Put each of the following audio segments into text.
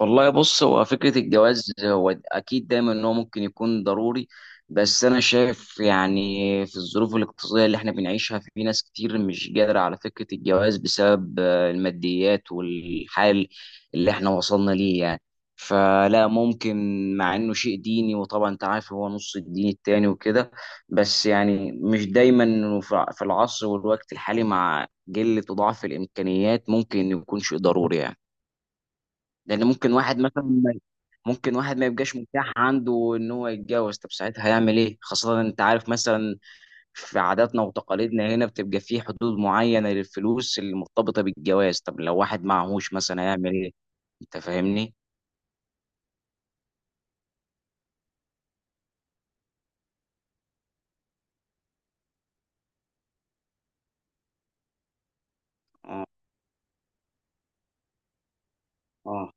والله، بص، هو فكرة الجواز هو أكيد دايما إن هو ممكن يكون ضروري. بس أنا شايف يعني في الظروف الاقتصادية اللي إحنا بنعيشها في ناس كتير مش قادرة على فكرة الجواز بسبب الماديات والحال اللي إحنا وصلنا ليه يعني. فلا ممكن، مع إنه شيء ديني وطبعا أنت عارف هو نص الدين التاني وكده. بس يعني مش دايما إنه في العصر والوقت الحالي مع قلة وضعف الإمكانيات ممكن يكون شيء ضروري يعني. لان ممكن واحد مثلا ممكن واحد ما يبقاش متاح عنده ان هو يتجوز. طب ساعتها هيعمل ايه؟ خاصة انت عارف مثلا في عاداتنا وتقاليدنا هنا بتبقى في حدود معينة للفلوس اللي مرتبطة بالجواز. طب لو واحد معهوش مثلا هيعمل ايه؟ انت فاهمني. اه. اه.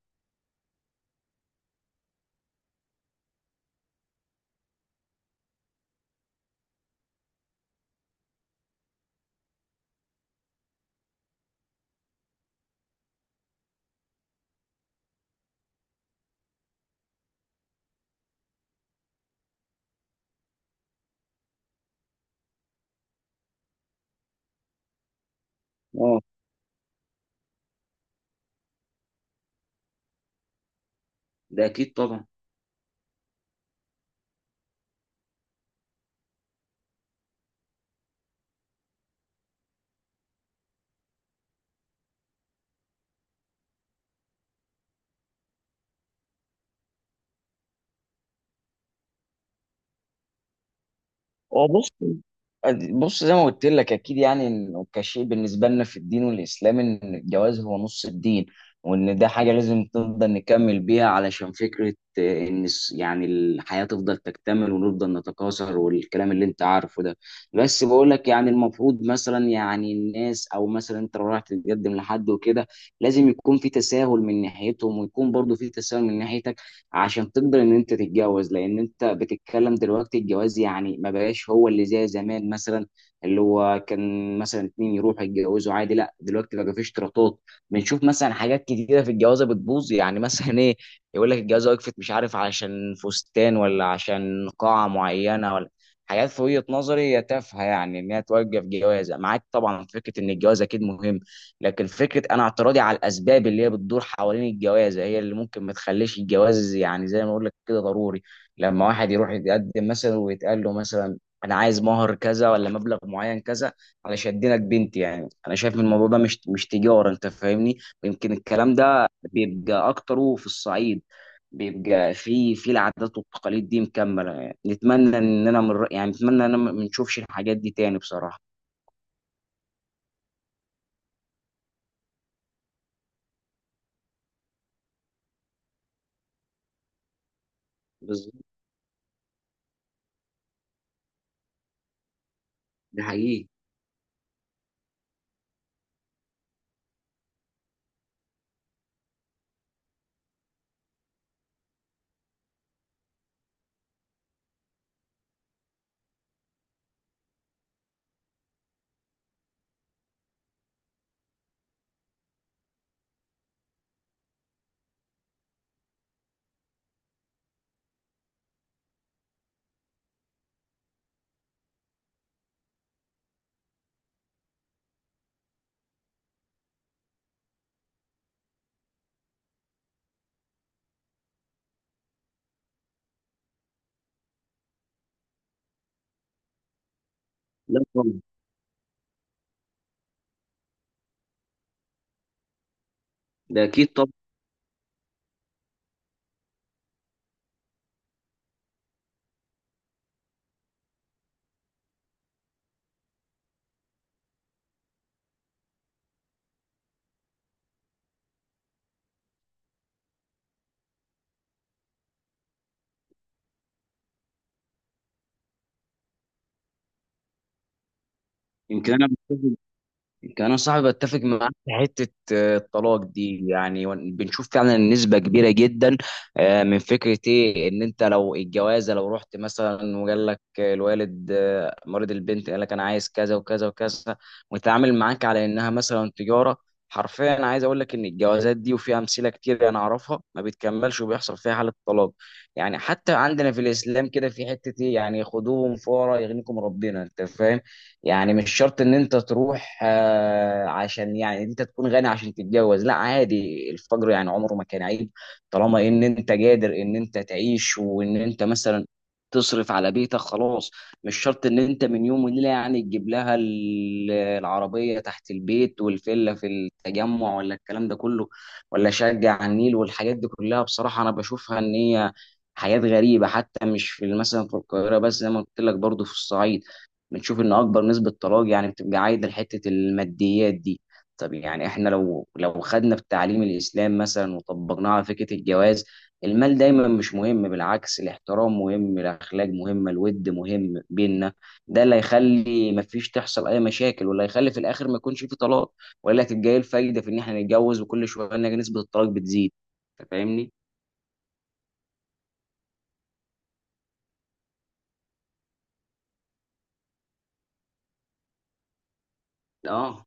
اه. ده اكيد طبعا. هو بص، بص زي ما قلت لك اكيد يعني انه كشيء بالنسبه لنا في الدين والاسلام ان الجواز هو نص الدين، وان ده حاجه لازم نفضل نكمل بيها علشان فكره ان يعني الحياه تفضل تكتمل ونفضل نتكاثر والكلام اللي انت عارفه ده. بس بقول لك يعني المفروض مثلا يعني الناس او مثلا انت لو رايح تتقدم لحد وكده لازم يكون في تساهل من ناحيتهم ويكون برضو في تساهل من ناحيتك عشان تقدر ان انت تتجوز. لان انت بتتكلم دلوقتي الجواز يعني ما بقاش هو اللي زي زمان مثلا، اللي هو كان مثلا اتنين يروحوا يتجوزوا عادي. لا دلوقتي بقى في اشتراطات. بنشوف مثلا حاجات كتيره في الجوازه بتبوظ يعني مثلا ايه. يقول لك الجوازه وقفت مش عارف علشان فستان ولا عشان قاعه معينه ولا حاجات في وجهه نظري هي تافهه يعني ان هي توقف جوازه معاك. طبعا في فكره ان الجواز اكيد مهم، لكن فكره انا اعتراضي على الاسباب اللي هي بتدور حوالين الجوازه هي اللي ممكن ما تخليش الجواز يعني زي ما اقول لك كده ضروري. لما واحد يروح يتقدم مثلا ويتقال له مثلا انا عايز مهر كذا ولا مبلغ معين كذا على شدينك بنتي، يعني انا شايف إن الموضوع ده مش تجاره. انت فاهمني. ويمكن الكلام ده بيبقى اكتره في الصعيد، بيبقى في العادات والتقاليد دي مكمله يعني. نتمنى اننا من يعني نتمنى ان أنا ما نشوفش الحاجات دي تاني بصراحه. بالظبط. ده حقيقي. لا طبعا. ده اكيد طبعا. يمكن انا بتفق- يمكن انا صاحبي بتفق معاك في حته. الطلاق دي يعني بنشوف فعلا نسبه كبيره جدا من فكره ايه ان انت لو الجوازه لو رحت مثلا وقال لك الوالد مريض البنت قال لك انا عايز كذا وكذا وكذا، وتعامل معاك على انها مثلا تجاره. حرفيا انا عايز اقول لك ان الجوازات دي وفي امثله كتير انا اعرفها ما بتكملش وبيحصل فيها حاله طلاق. يعني حتى عندنا في الاسلام كده في حته ايه يعني خدوهم فورا يغنيكم ربنا. انت فاهم. يعني مش شرط ان انت تروح عشان يعني انت تكون غني عشان تتجوز. لا عادي الفجر يعني عمره ما كان عيب. طالما ان انت قادر ان انت تعيش وان انت مثلا تصرف على بيتك خلاص. مش شرط ان انت من يوم وليله يعني تجيب لها العربيه تحت البيت والفيلا في التجمع ولا الكلام ده كله ولا شقه على النيل والحاجات دي كلها، بصراحه انا بشوفها ان هي حياة غريبة. حتى مش في مثلا في القاهرة بس، زي ما قلت لك برضه في الصعيد بنشوف ان اكبر نسبه طلاق يعني بتبقى عايده لحته الماديات دي. طب يعني احنا لو خدنا في تعليم الاسلام مثلا وطبقناه على فكره الجواز، المال دايما مش مهم بالعكس. الاحترام مهم، الاخلاق مهمه، الود مهم بينا، ده اللي هيخلي مفيش تحصل اي مشاكل واللي هيخلي في الاخر ما يكونش في طلاق. ولا تبقى ايه الفايده في ان احنا نتجوز وكل شويه نلاقي نسبه الطلاق بتزيد؟ أنت فاهمني. اه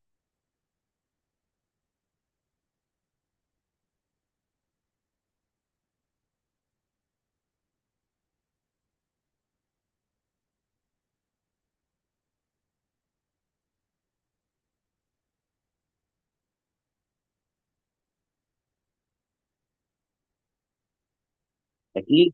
اكيد.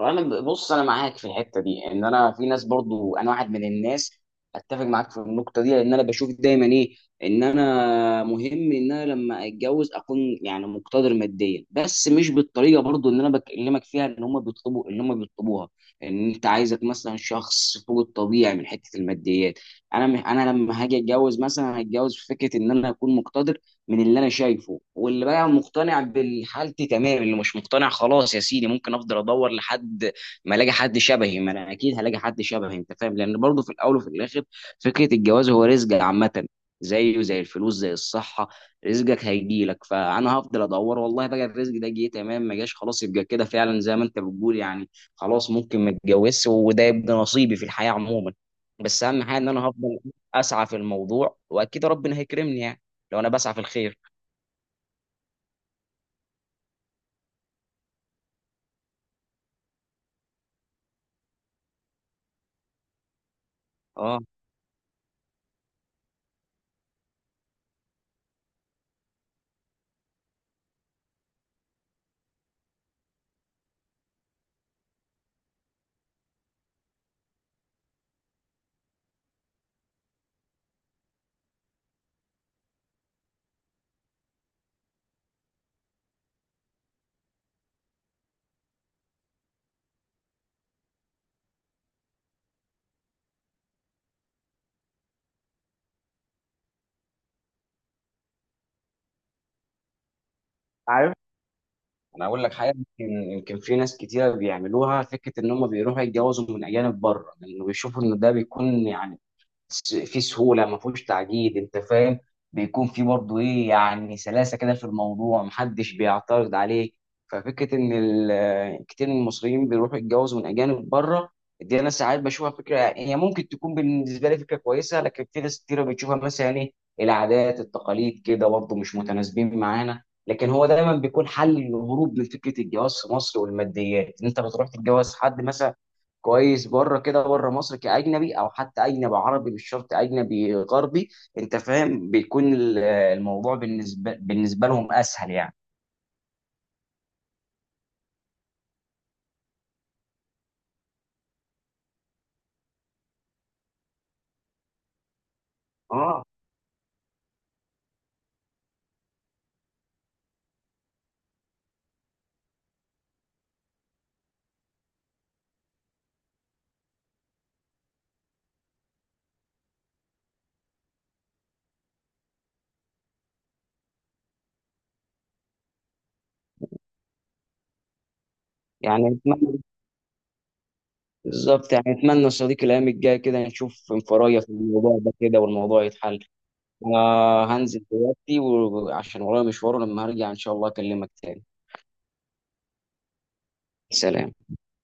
بص انا معاك في الحته دي ان انا في ناس برضو انا واحد من الناس اتفق معاك في النقطه دي. لان انا بشوف دايما ايه، ان انا مهم ان انا لما اتجوز اكون يعني مقتدر ماديا. بس مش بالطريقه برضو اللي انا بكلمك فيها ان هم بيطلبوا ان هم بيطلبوها، ان انت عايزك مثلا شخص فوق الطبيعي من حته الماديات. انا لما هاجي اتجوز مثلا هتجوز في فكره ان انا اكون مقتدر من اللي انا شايفه، واللي بقى مقتنع بالحالتي تمام، اللي مش مقتنع خلاص يا سيدي ممكن افضل ادور لحد ما الاقي حد شبهي. ما انا اكيد هلاقي حد شبهي. انت فاهم. لان برضه في الاول وفي الاخر فكره الجواز هو رزق عامه، زيه زي الفلوس زي الصحه. رزقك هيجي لك، فانا هفضل ادور. والله بقى الرزق ده جه تمام، ما جاش خلاص يبقى كده فعلا زي ما انت بتقول يعني. خلاص ممكن ما اتجوزش وده يبقى نصيبي في الحياه عموما. بس اهم حاجه ان انا هفضل اسعى في الموضوع واكيد ربنا هيكرمني يعني لو انا بسعى في الخير. اه. عارف، انا اقول لك حاجه. يمكن في ناس كتيره بيعملوها فكره ان هم بيروحوا يتجوزوا من اجانب بره لانه بيشوفوا ان ده بيكون يعني في سهوله ما فيهوش تعقيد. انت فاهم. بيكون في برضه ايه يعني سلاسه كده في الموضوع محدش بيعترض عليك. ففكره ان كتير من المصريين بيروحوا يتجوزوا من اجانب بره دي انا ساعات بشوفها فكره هي ممكن تكون بالنسبه لي فكره كويسه. لكن في ناس كتير بتشوفها مثلا ايه، العادات التقاليد كده برضه مش متناسبين معانا. لكن هو دايما بيكون حل للهروب من فكره الجواز في مصر والماديات، ان انت بتروح تتجوز حد مثلا كويس بره كده، بره مصر كاجنبي او حتى اجنبي عربي مش شرط اجنبي غربي. انت فاهم. بيكون الموضوع بالنسبه لهم اسهل يعني. اه. يعني اتمنى، بالظبط، يعني اتمنى يا صديقي الايام الجايه كده نشوف انفرايه في الموضوع ده كده والموضوع يتحل. انا هنزل دلوقتي وعشان ورايا مشوار، لما هرجع ان شاء الله اكلمك تاني. سلام.